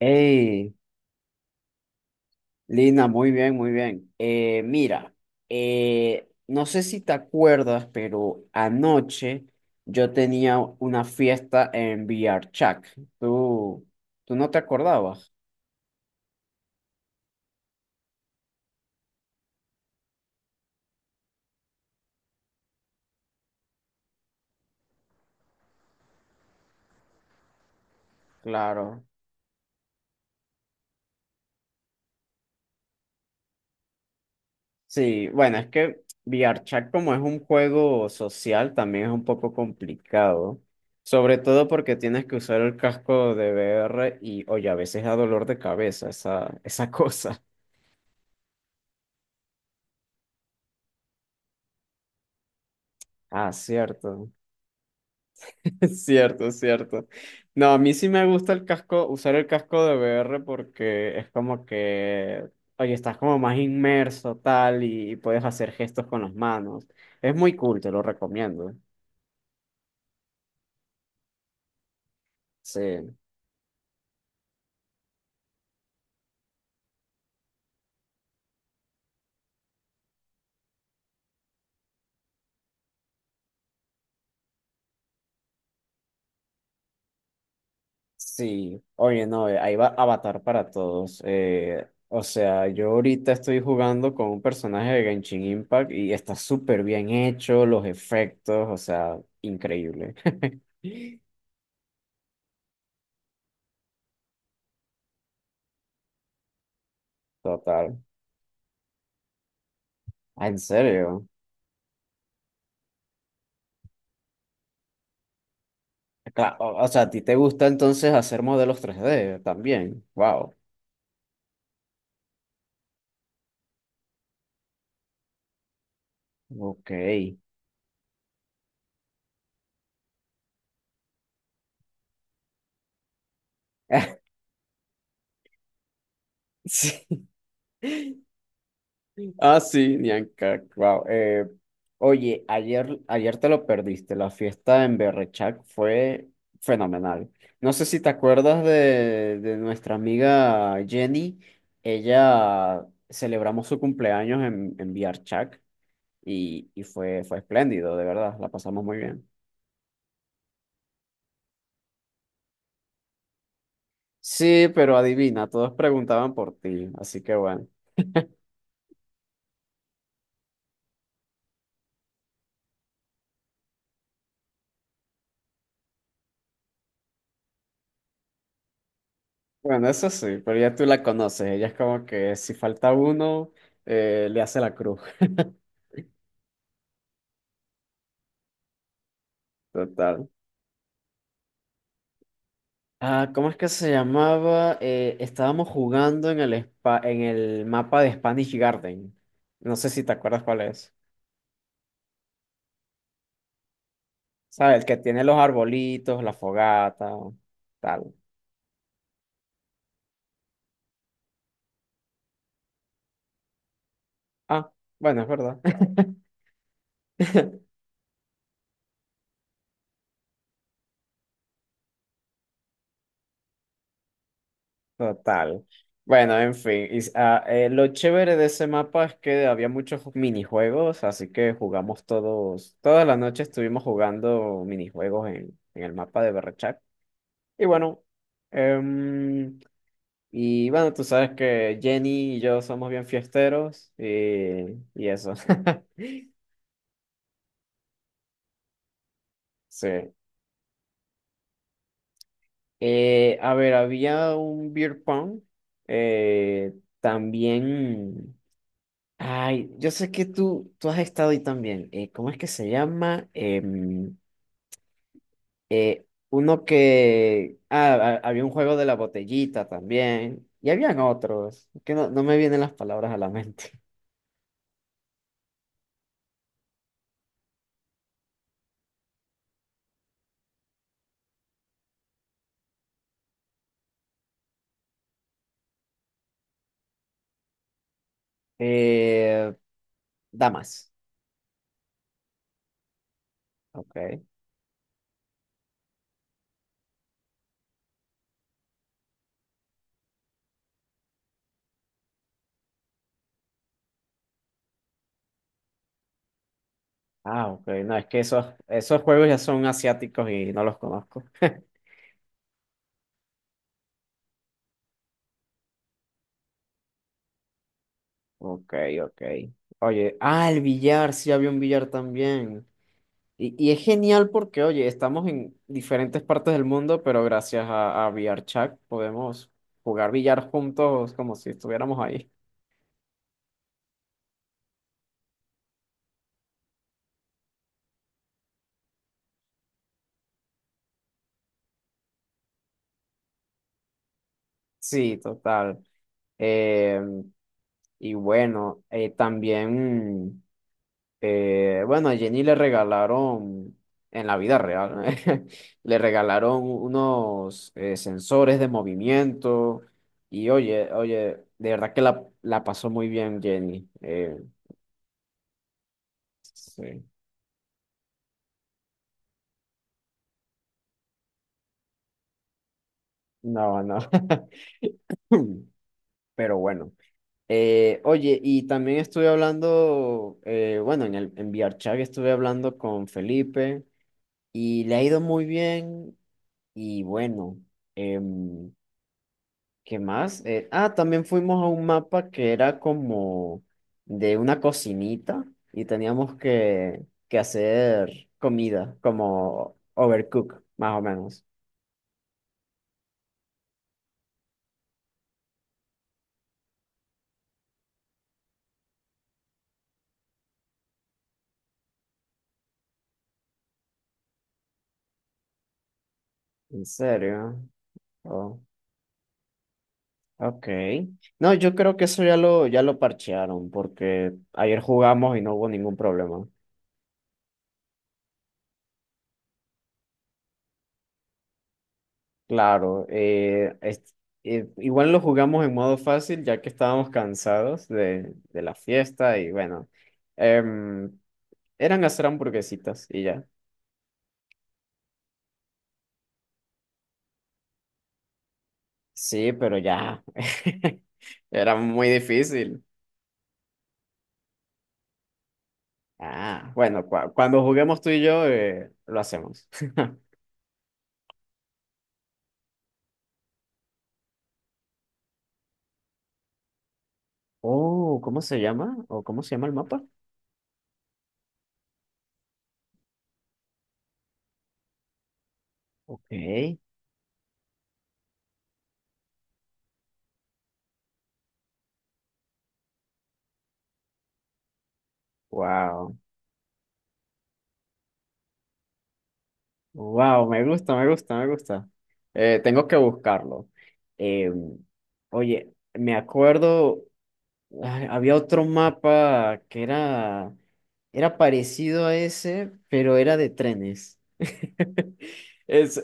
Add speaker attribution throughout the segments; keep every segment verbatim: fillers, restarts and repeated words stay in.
Speaker 1: Hey, Lina, muy bien, muy bien. Eh, mira, eh, no sé si te acuerdas, pero anoche yo tenía una fiesta en VRChat. ¿Tú, ¿tú no te acordabas? Claro. Sí, bueno, es que VRChat como es un juego social, también es un poco complicado. Sobre todo porque tienes que usar el casco de V R y, oye, a veces da dolor de cabeza esa, esa cosa. Ah, cierto. Es cierto, es cierto. No, a mí sí me gusta el casco, usar el casco de V R porque es como que, oye, estás como más inmerso, tal, y, y puedes hacer gestos con las manos. Es muy cool, te lo recomiendo. Sí, sí. Oye, no, eh, ahí va Avatar para todos. Eh, o sea, yo ahorita estoy jugando con un personaje de Genshin Impact y está súper bien hecho, los efectos, o sea, increíble. Total. Ah, ¿en serio? Cla- O o sea, ¿a ti te gusta entonces hacer modelos tres d también? Wow. Ok. Sí. Ah, sí, Nianca. Wow. Eh, oye, ayer, ayer te lo perdiste. La fiesta en Berrechak fue fenomenal. No sé si te acuerdas de, de nuestra amiga Jenny. Ella celebramos su cumpleaños en, en VRChac y, y fue, fue espléndido, de verdad. La pasamos muy bien. Sí, pero adivina, todos preguntaban por ti, así que bueno. Bueno, eso sí, pero ya tú la conoces, ella es como que si falta uno, eh, le hace la cruz. Total. Ah, ¿cómo es que se llamaba? Eh, estábamos jugando en el spa- en el mapa de Spanish Garden. No sé si te acuerdas cuál es. ¿Sabes? El que tiene los arbolitos, la fogata, tal. Ah, bueno, es verdad. Total. Bueno, en fin. y s- ah, eh, lo chévere de ese mapa es que había muchos minijuegos, así que jugamos todos, todas las noches estuvimos jugando minijuegos en, en el mapa de Berrechak. Y bueno, em, y bueno, tú sabes que Jenny y yo somos bien fiesteros y, y eso. Sí. Eh, a ver, había un beer pong. eh, también. Ay, yo sé que tú, tú has estado ahí también. Eh, ¿cómo es que se llama? Em, eh, uno que... Ah, ha- había un juego de la botellita también. Y habían otros. Que no, no me vienen las palabras a la mente. Eh, damas. Ok. Ah, ok. No, es que esos, esos juegos ya son asiáticos y no los conozco. Ok, ok. Oye, ah, el billar. Sí, había un billar también. Y, y es genial porque, oye, estamos en diferentes partes del mundo, pero gracias a, a VRChat podemos jugar billar juntos como si estuviéramos ahí. Sí, total. Eh, y bueno, eh, también, eh, bueno, a Jenny le regalaron, en la vida real, le regalaron unos eh, sensores de movimiento. Y oye, oye, de verdad que la, la pasó muy bien Jenny. Eh, sí. No, no. Pero bueno. Eh, oye, y también estuve hablando, eh, bueno, en el en VRChat estuve hablando con Felipe y le ha ido muy bien. Y bueno, em, ¿qué más? Eh, ah, también fuimos a un mapa que era como de una cocinita y teníamos que, que hacer comida, como overcook, más o menos. ¿En serio? Oh. Ok. No, yo creo que eso ya lo, ya lo parchearon, porque ayer jugamos y no hubo ningún problema. Claro, eh, es- eh, igual lo jugamos en modo fácil, ya que estábamos cansados de, de la fiesta y bueno, em, eran hacer hamburguesitas y ya. Sí, pero ya, era muy difícil. Ah, bueno, cua- cuando juguemos tú y yo, eh, lo hacemos. Oh, ¿cómo se llama? ¿O cómo se llama el mapa? Ok, wow. Wow, me gusta, me gusta, me gusta. Eh, tengo que buscarlo. Eh, oye, me acuerdo, ay, había otro mapa que era, era parecido a ese, pero era de trenes. Es,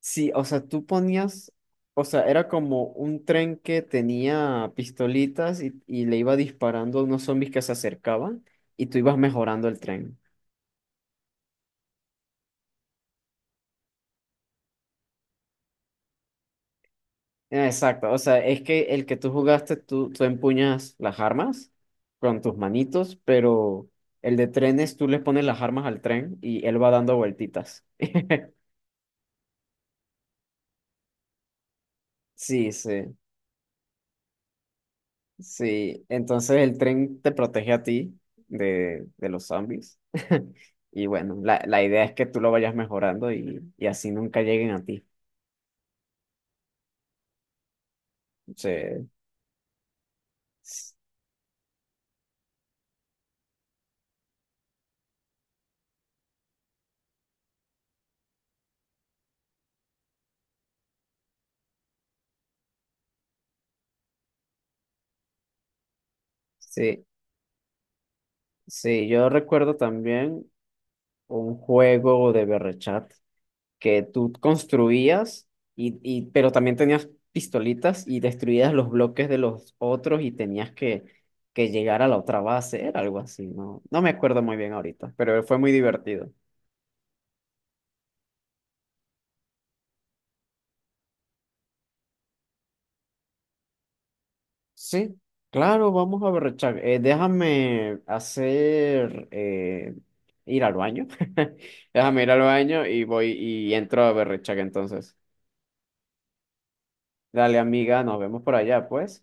Speaker 1: sí, o sea, tú ponías, o sea, era como un tren que tenía pistolitas y, y le iba disparando a unos zombies que se acercaban y tú ibas mejorando el tren. Exacto, o sea, es que el que tú jugaste, tú, tú empuñas las armas con tus manitos, pero el de trenes, tú le pones las armas al tren y él va dando vueltitas. Sí, sí, sí. Entonces el tren te protege a ti de, de los zombies. Y bueno, la, la idea es que tú lo vayas mejorando y, y así nunca lleguen a ti. Sí, sí, sí. Yo recuerdo también un juego de berrechat, que tú construías, y, y, pero también tenías pistolitas y destruías los bloques de los otros y tenías que, que llegar a la otra base, era algo así, no, no me acuerdo muy bien ahorita, pero fue muy divertido. Sí, claro, vamos a ver, Chuck, eh, déjame hacer, eh, ir al baño, déjame ir al baño y voy y entro a Berrechak entonces. Dale, amiga, nos vemos por allá, pues.